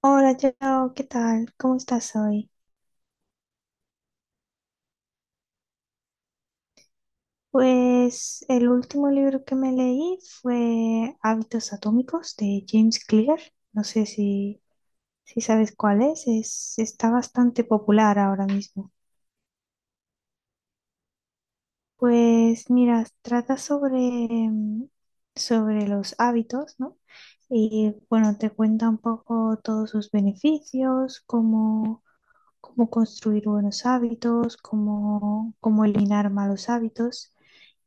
Hola, Joe, ¿qué tal? ¿Cómo estás hoy? Pues el último libro que me leí fue Hábitos Atómicos de James Clear. No sé si sabes cuál es. Está bastante popular ahora mismo. Pues mira, trata mm, sobre los hábitos, ¿no? Y bueno, te cuenta un poco todos sus beneficios, cómo construir buenos hábitos, cómo eliminar malos hábitos.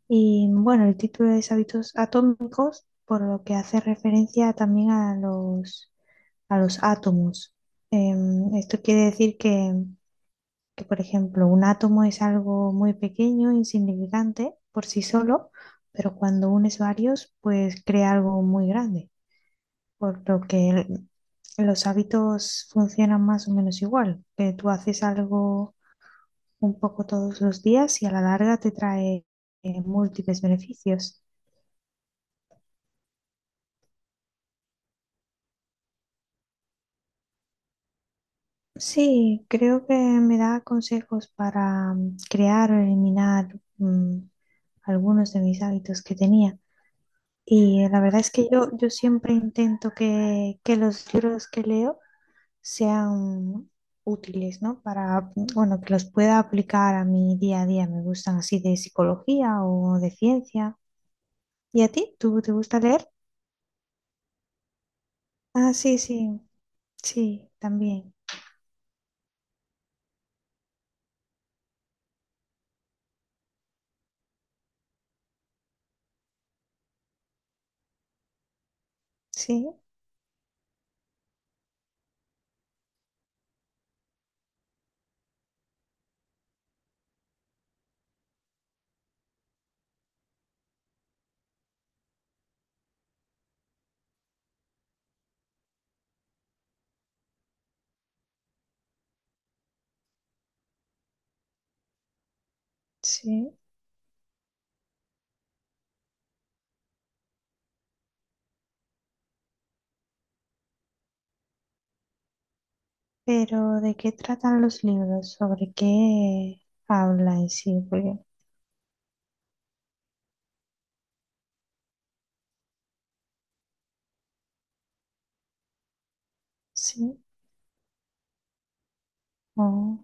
Y bueno, el título es Hábitos atómicos, por lo que hace referencia también a los átomos. Esto quiere decir que, por ejemplo, un átomo es algo muy pequeño, insignificante por sí solo, pero cuando unes varios, pues crea algo muy grande, por lo que los hábitos funcionan más o menos igual, que tú haces algo un poco todos los días y a la larga te trae múltiples beneficios. Sí, creo que me da consejos para crear o eliminar algunos de mis hábitos que tenía. Y la verdad es que yo siempre intento que los libros que leo sean útiles, ¿no? Para, bueno, que los pueda aplicar a mi día a día. Me gustan así de psicología o de ciencia. ¿Y a ti? ¿Tú te gusta leer? Ah, sí, sí, sí, también. Sí, sí. Pero, ¿de qué tratan los libros? ¿Sobre qué habla en sí? Porque, sí, oh,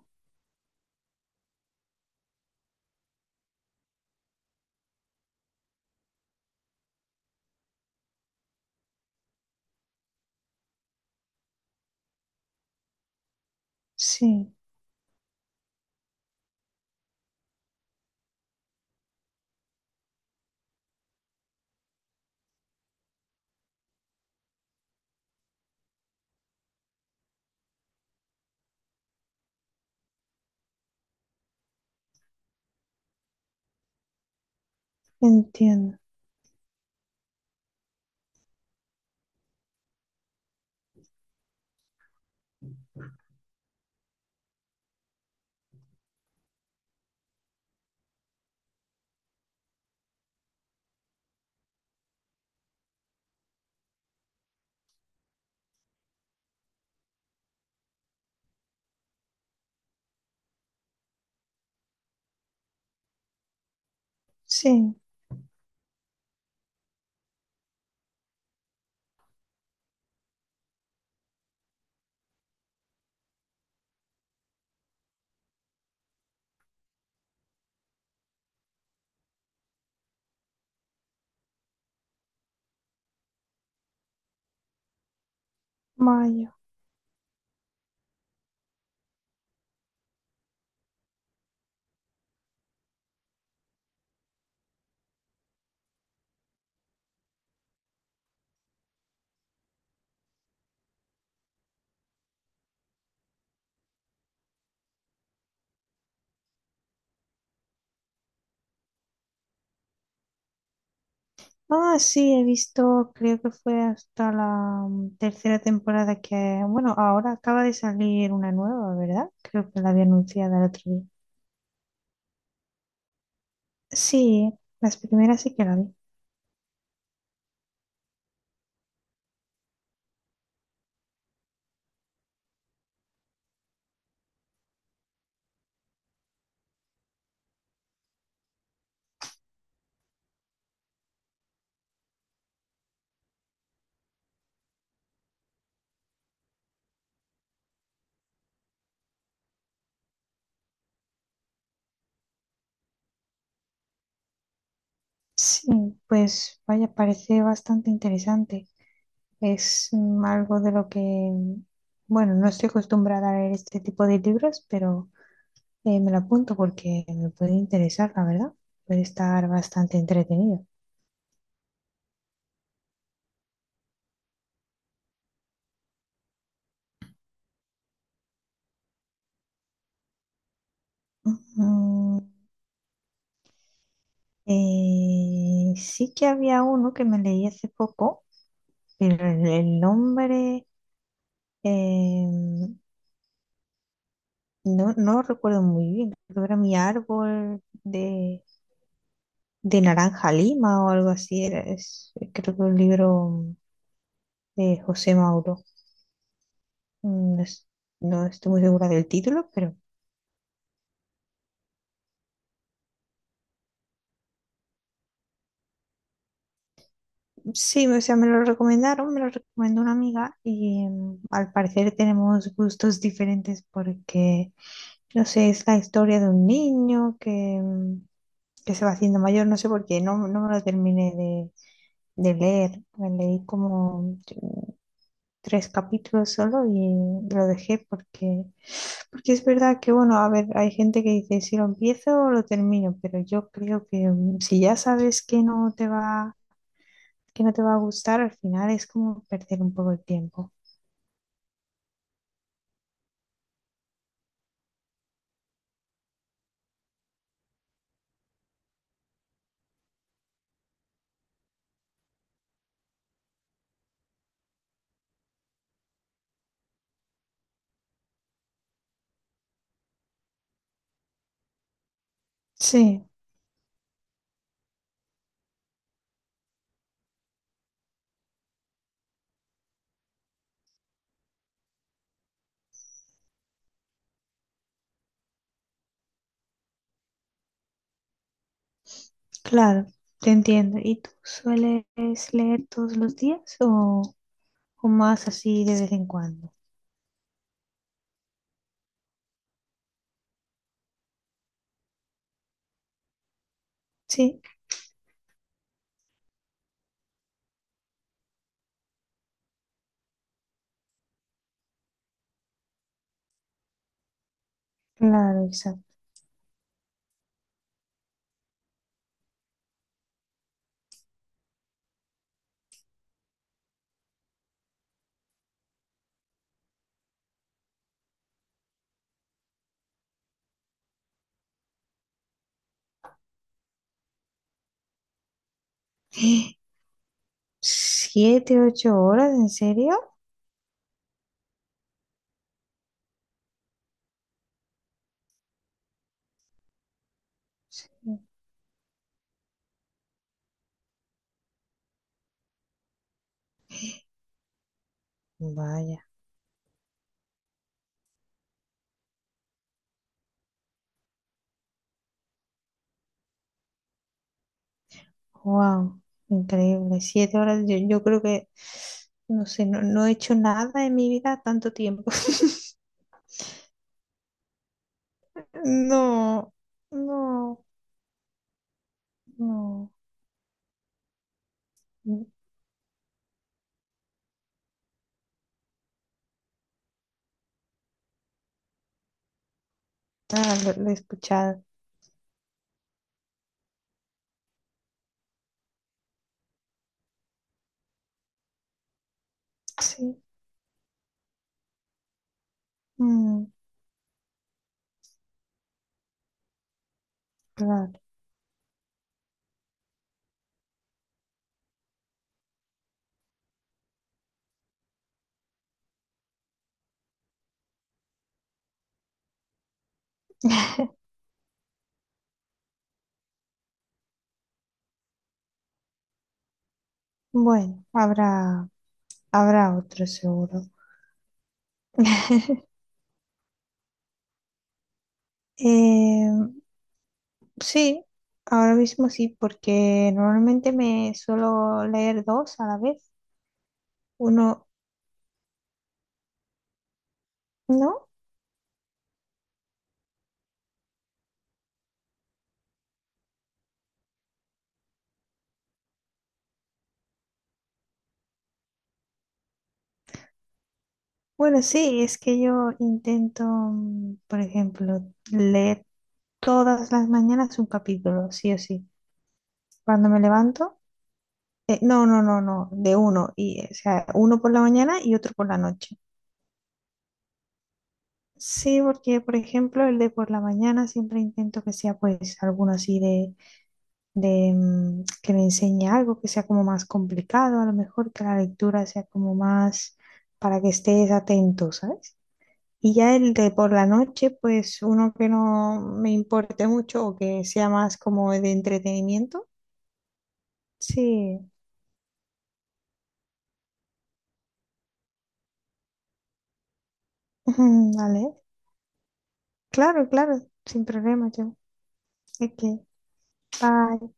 sí, entiendo. Sí, mayo. Ah, sí, he visto, creo que fue hasta la tercera temporada que, bueno, ahora acaba de salir una nueva, ¿verdad? Creo que la había anunciada el otro día. Sí, las primeras sí que la vi. Sí, pues vaya, parece bastante interesante. Es algo de lo que, bueno, no estoy acostumbrada a leer este tipo de libros, pero me lo apunto porque me puede interesar, la verdad. Puede estar bastante entretenido. Ujú. Sí que había uno que me leí hace poco, pero el nombre eh, no, no lo recuerdo muy bien. Creo que era Mi árbol de, naranja lima o algo así. Creo que un libro de José Mauro. Mm, no, no estoy muy segura del título, pero sí, o sea, me lo recomendó una amiga y al parecer tenemos gustos diferentes porque, no sé, es la historia de un niño em, que se va haciendo mayor, no sé por qué, no me lo terminé de leer, me leí como tres capítulos solo y lo dejé porque, porque es verdad que, bueno, a ver, hay gente que dice si lo empiezo o lo termino, pero yo creo que si ya sabes que no te va a gustar, al final es como perder un poco el tiempo. Sí, claro, te entiendo. ¿Y tú sueles leer todos los días o más así de vez en cuando? Sí, claro, exacto. ¿7, 8 horas? ¿En serio? Sí. Vaya. Wow, increíble. 7 horas, yo creo que, no sé, no he hecho nada en mi vida tanto tiempo. No, no, no. Ah, lo he escuchado. Sí. Mm, claro. Bueno, habrá otro seguro. Eh, sí, ahora mismo sí, porque normalmente me suelo leer dos a la vez. Uno, ¿no? Bueno, sí, es que yo intento, por ejemplo, leer todas las mañanas un capítulo, sí o sí. Cuando me levanto, no, no, no, no, de uno, y, o sea, uno por la mañana y otro por la noche. Sí, porque, por ejemplo, el de por la mañana siempre intento que sea, pues, alguno así de, que me enseñe algo, que sea como más complicado, a lo mejor que la lectura sea como más para que estés atento, ¿sabes? Y ya el de por la noche, pues uno que no me importe mucho o que sea más como de entretenimiento. Sí, vale. Claro, claro, sin problema yo. Es bye.